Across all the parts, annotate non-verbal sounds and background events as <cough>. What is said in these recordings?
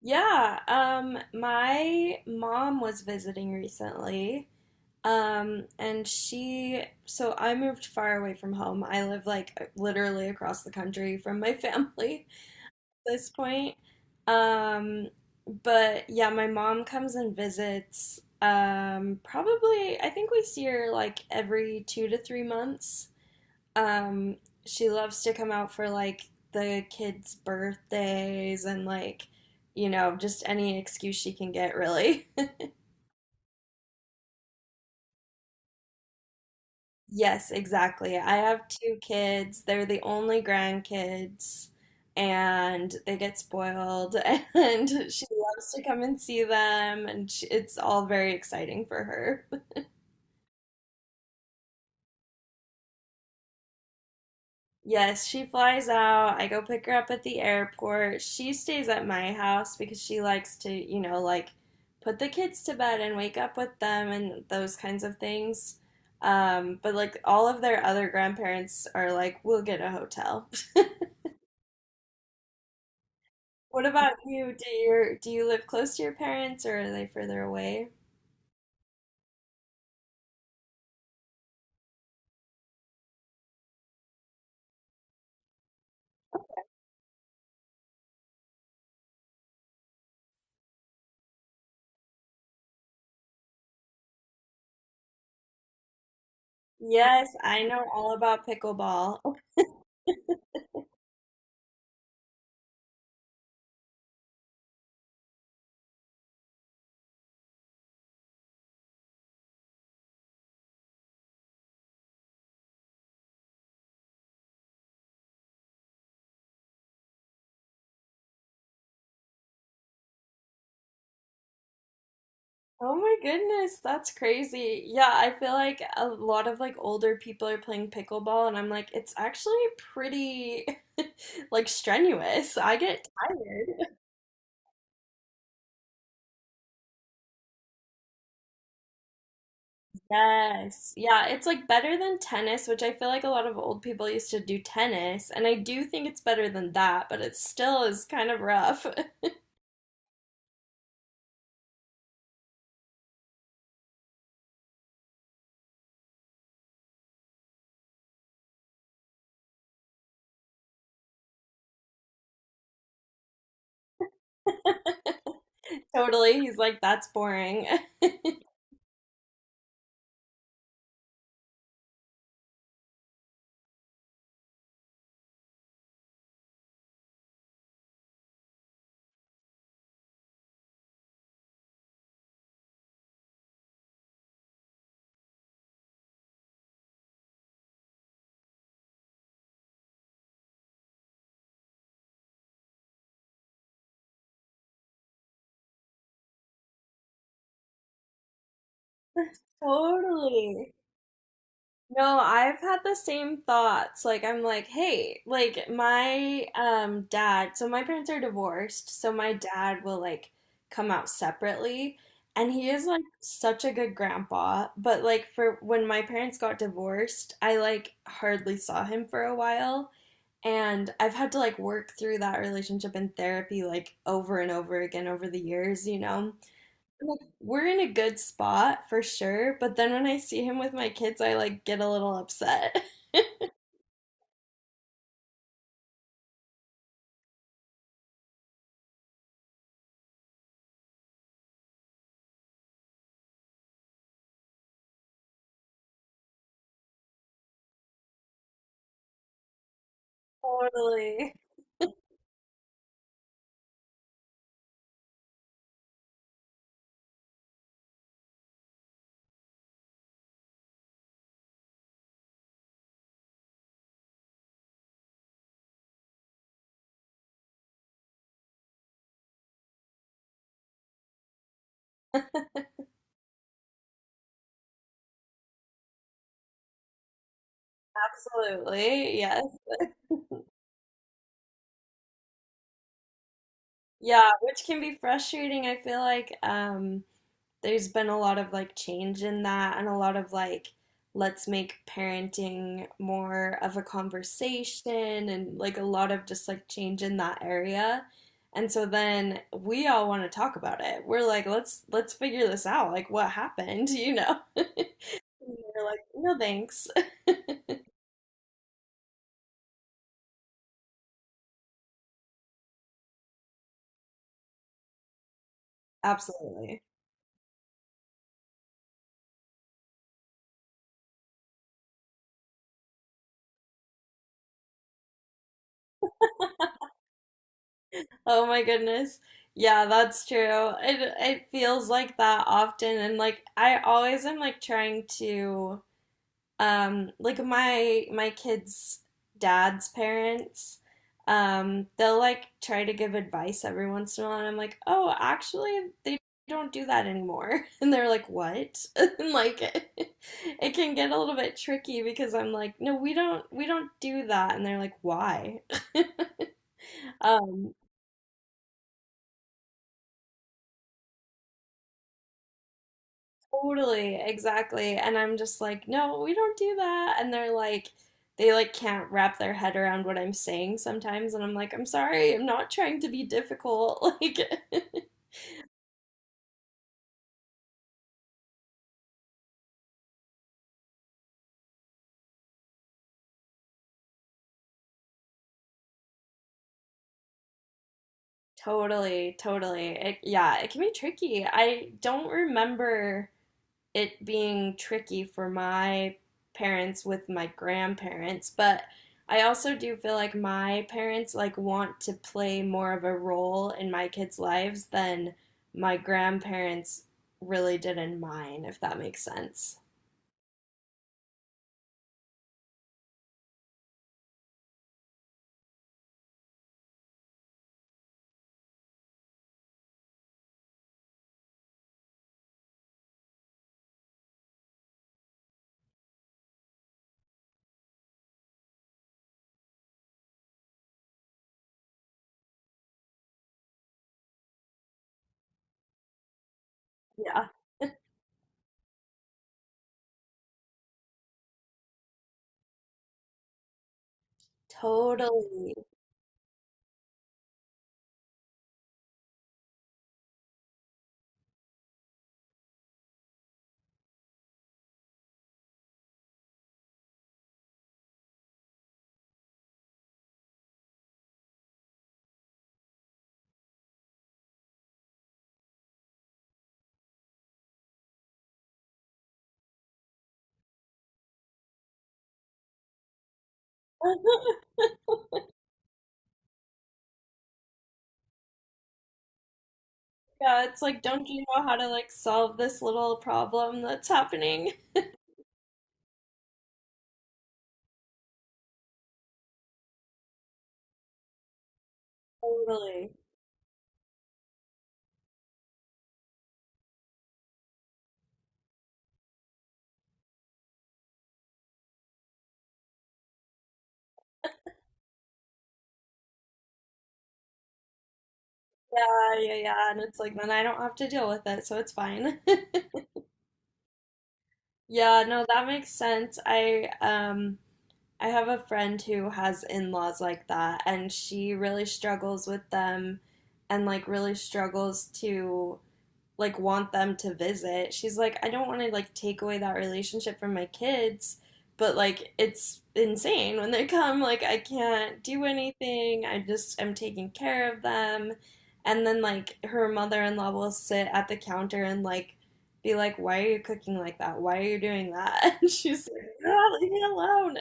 Yeah, my mom was visiting recently. So I moved far away from home. I live like literally across the country from my family <laughs> at this point. Um, but yeah, my mom comes and visits. Probably, I think we see her like every two to three months um, she loves to come out for like the kids' birthdays and like, you know, just any excuse she can get, really. <laughs> Yes, exactly. I have two kids. They're the only grandkids, and they get spoiled. <laughs> And she loves to come and see them, and she, it's all very exciting for her. Yes, she flies out. I go pick her up at the airport. She stays at my house because she likes to, you know, like put the kids to bed and wake up with them and those kinds of things. But like all of their other grandparents are like, we'll get a hotel. <laughs> What about you? Do you live close to your parents, or are they further away? Yes, I know all about pickleball. Oh my goodness, that's crazy. Yeah, I feel like a lot of like older people are playing pickleball, and I'm like it's actually pretty <laughs> like strenuous. I get tired. Yes. Yeah, it's like better than tennis, which I feel like a lot of old people used to do tennis, and I do think it's better than that, but it still is kind of rough. <laughs> Totally. He's like that's boring. <laughs> Totally. No, I've had the same thoughts. Like I'm like, hey, like my dad, so my parents are divorced, so my dad will like come out separately, and he is like such a good grandpa, but like for when my parents got divorced, I like hardly saw him for a while, and I've had to like work through that relationship in therapy like over and over again over the years, you know. Like, we're in a good spot for sure, but then when I see him with my kids, I like get a little upset. <laughs> Totally. Absolutely. Yes. Yeah, which can be frustrating. I feel like there's been a lot of like change in that and a lot of like let's make parenting more of a conversation and like a lot of just like change in that area. And so then we all want to talk about it. We're like, let's figure this out. Like what happened, you know? <laughs> And you're like, no thanks. <laughs> Absolutely. Oh my goodness. Yeah, that's true. It feels like that often, and like I always am like trying to like my kids' dad's parents, they'll like try to give advice every once in a while, and I'm like, oh, actually, they don't do that anymore. <laughs> And they're like, what? <laughs> And like, it can get a little bit tricky because I'm like, no, we don't do that, and they're like, why? <laughs> Um, Totally, exactly. And I'm just like, no, we don't do that. And they're like, they like can't wrap their head around what I'm saying sometimes. And I'm like, I'm sorry, I'm not trying to be difficult. <laughs> Like, totally, totally. It, yeah, it can be tricky. I don't remember it being tricky for my parents with my grandparents, but I also do feel like my parents like want to play more of a role in my kids' lives than my grandparents really did in mine, if that makes sense. Yeah, totally. <laughs> Yeah, it's like, don't you know how to like solve this little problem that's happening? <laughs> Totally. Yeah, yeah, yeah. And it's like then I don't have to deal with it, so it's fine. <laughs> Yeah, no, that makes sense. I have a friend who has in-laws like that, and she really struggles with them and like really struggles to like want them to visit. She's like, I don't want to like take away that relationship from my kids, but like it's insane when they come. Like I can't do anything. I just am taking care of them. And then like her mother-in-law will sit at the counter and like be like, why are you cooking like that? Why are you doing that? <laughs> And she's like, "Ah, leave me alone,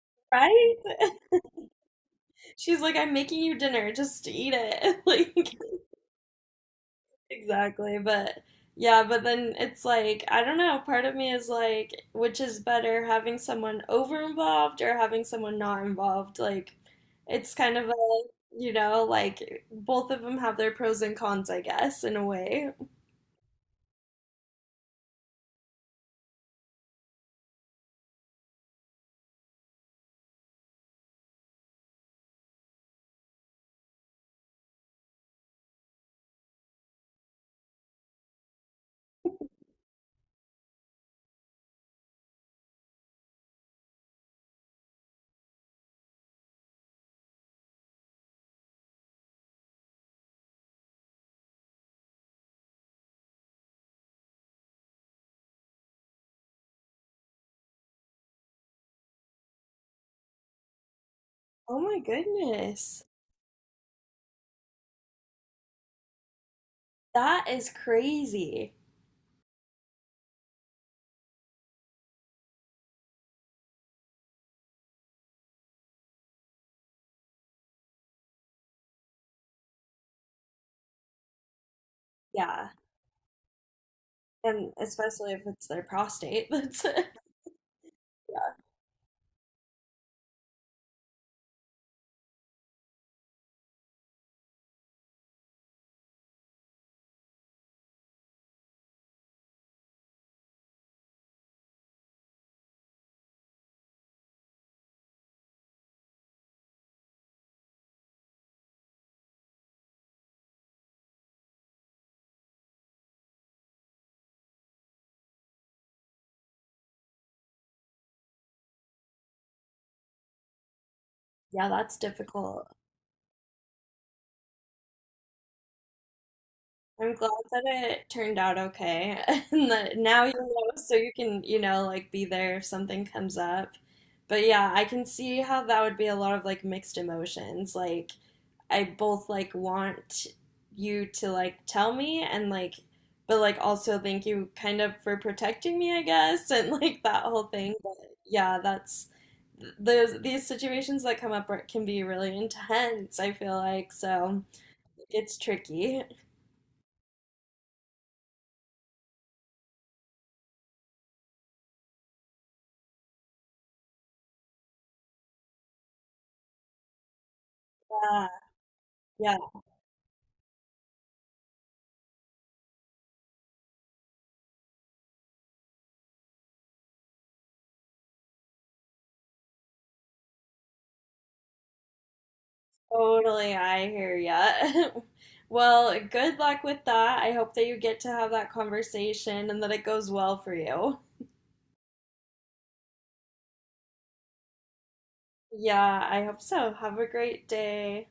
<laughs> right? She's like, I'm making you dinner, just eat it. <laughs> Like exactly. But yeah, but then it's like, I don't know, part of me is like, which is better, having someone over involved or having someone not involved? Like, it's kind of a, you know, like both of them have their pros and cons, I guess, in a way. Oh my goodness. That is crazy. Yeah. And especially if it's their prostate. <laughs> That's, yeah, yeah, that's difficult. I'm glad that it turned out okay. <laughs> And that now you know, so you can, you know, like be there if something comes up. But yeah, I can see how that would be a lot of like mixed emotions. Like, I both like want you to like tell me and like, but like also thank you kind of for protecting me, I guess, <laughs> and like that whole thing. But yeah, that's those these situations that come up are, can be really intense, I feel like. So it's tricky. Yeah, yeah, totally, I hear ya. <laughs> Well, good luck with that. I hope that you get to have that conversation and that it goes well for you. Yeah, I hope so. Have a great day.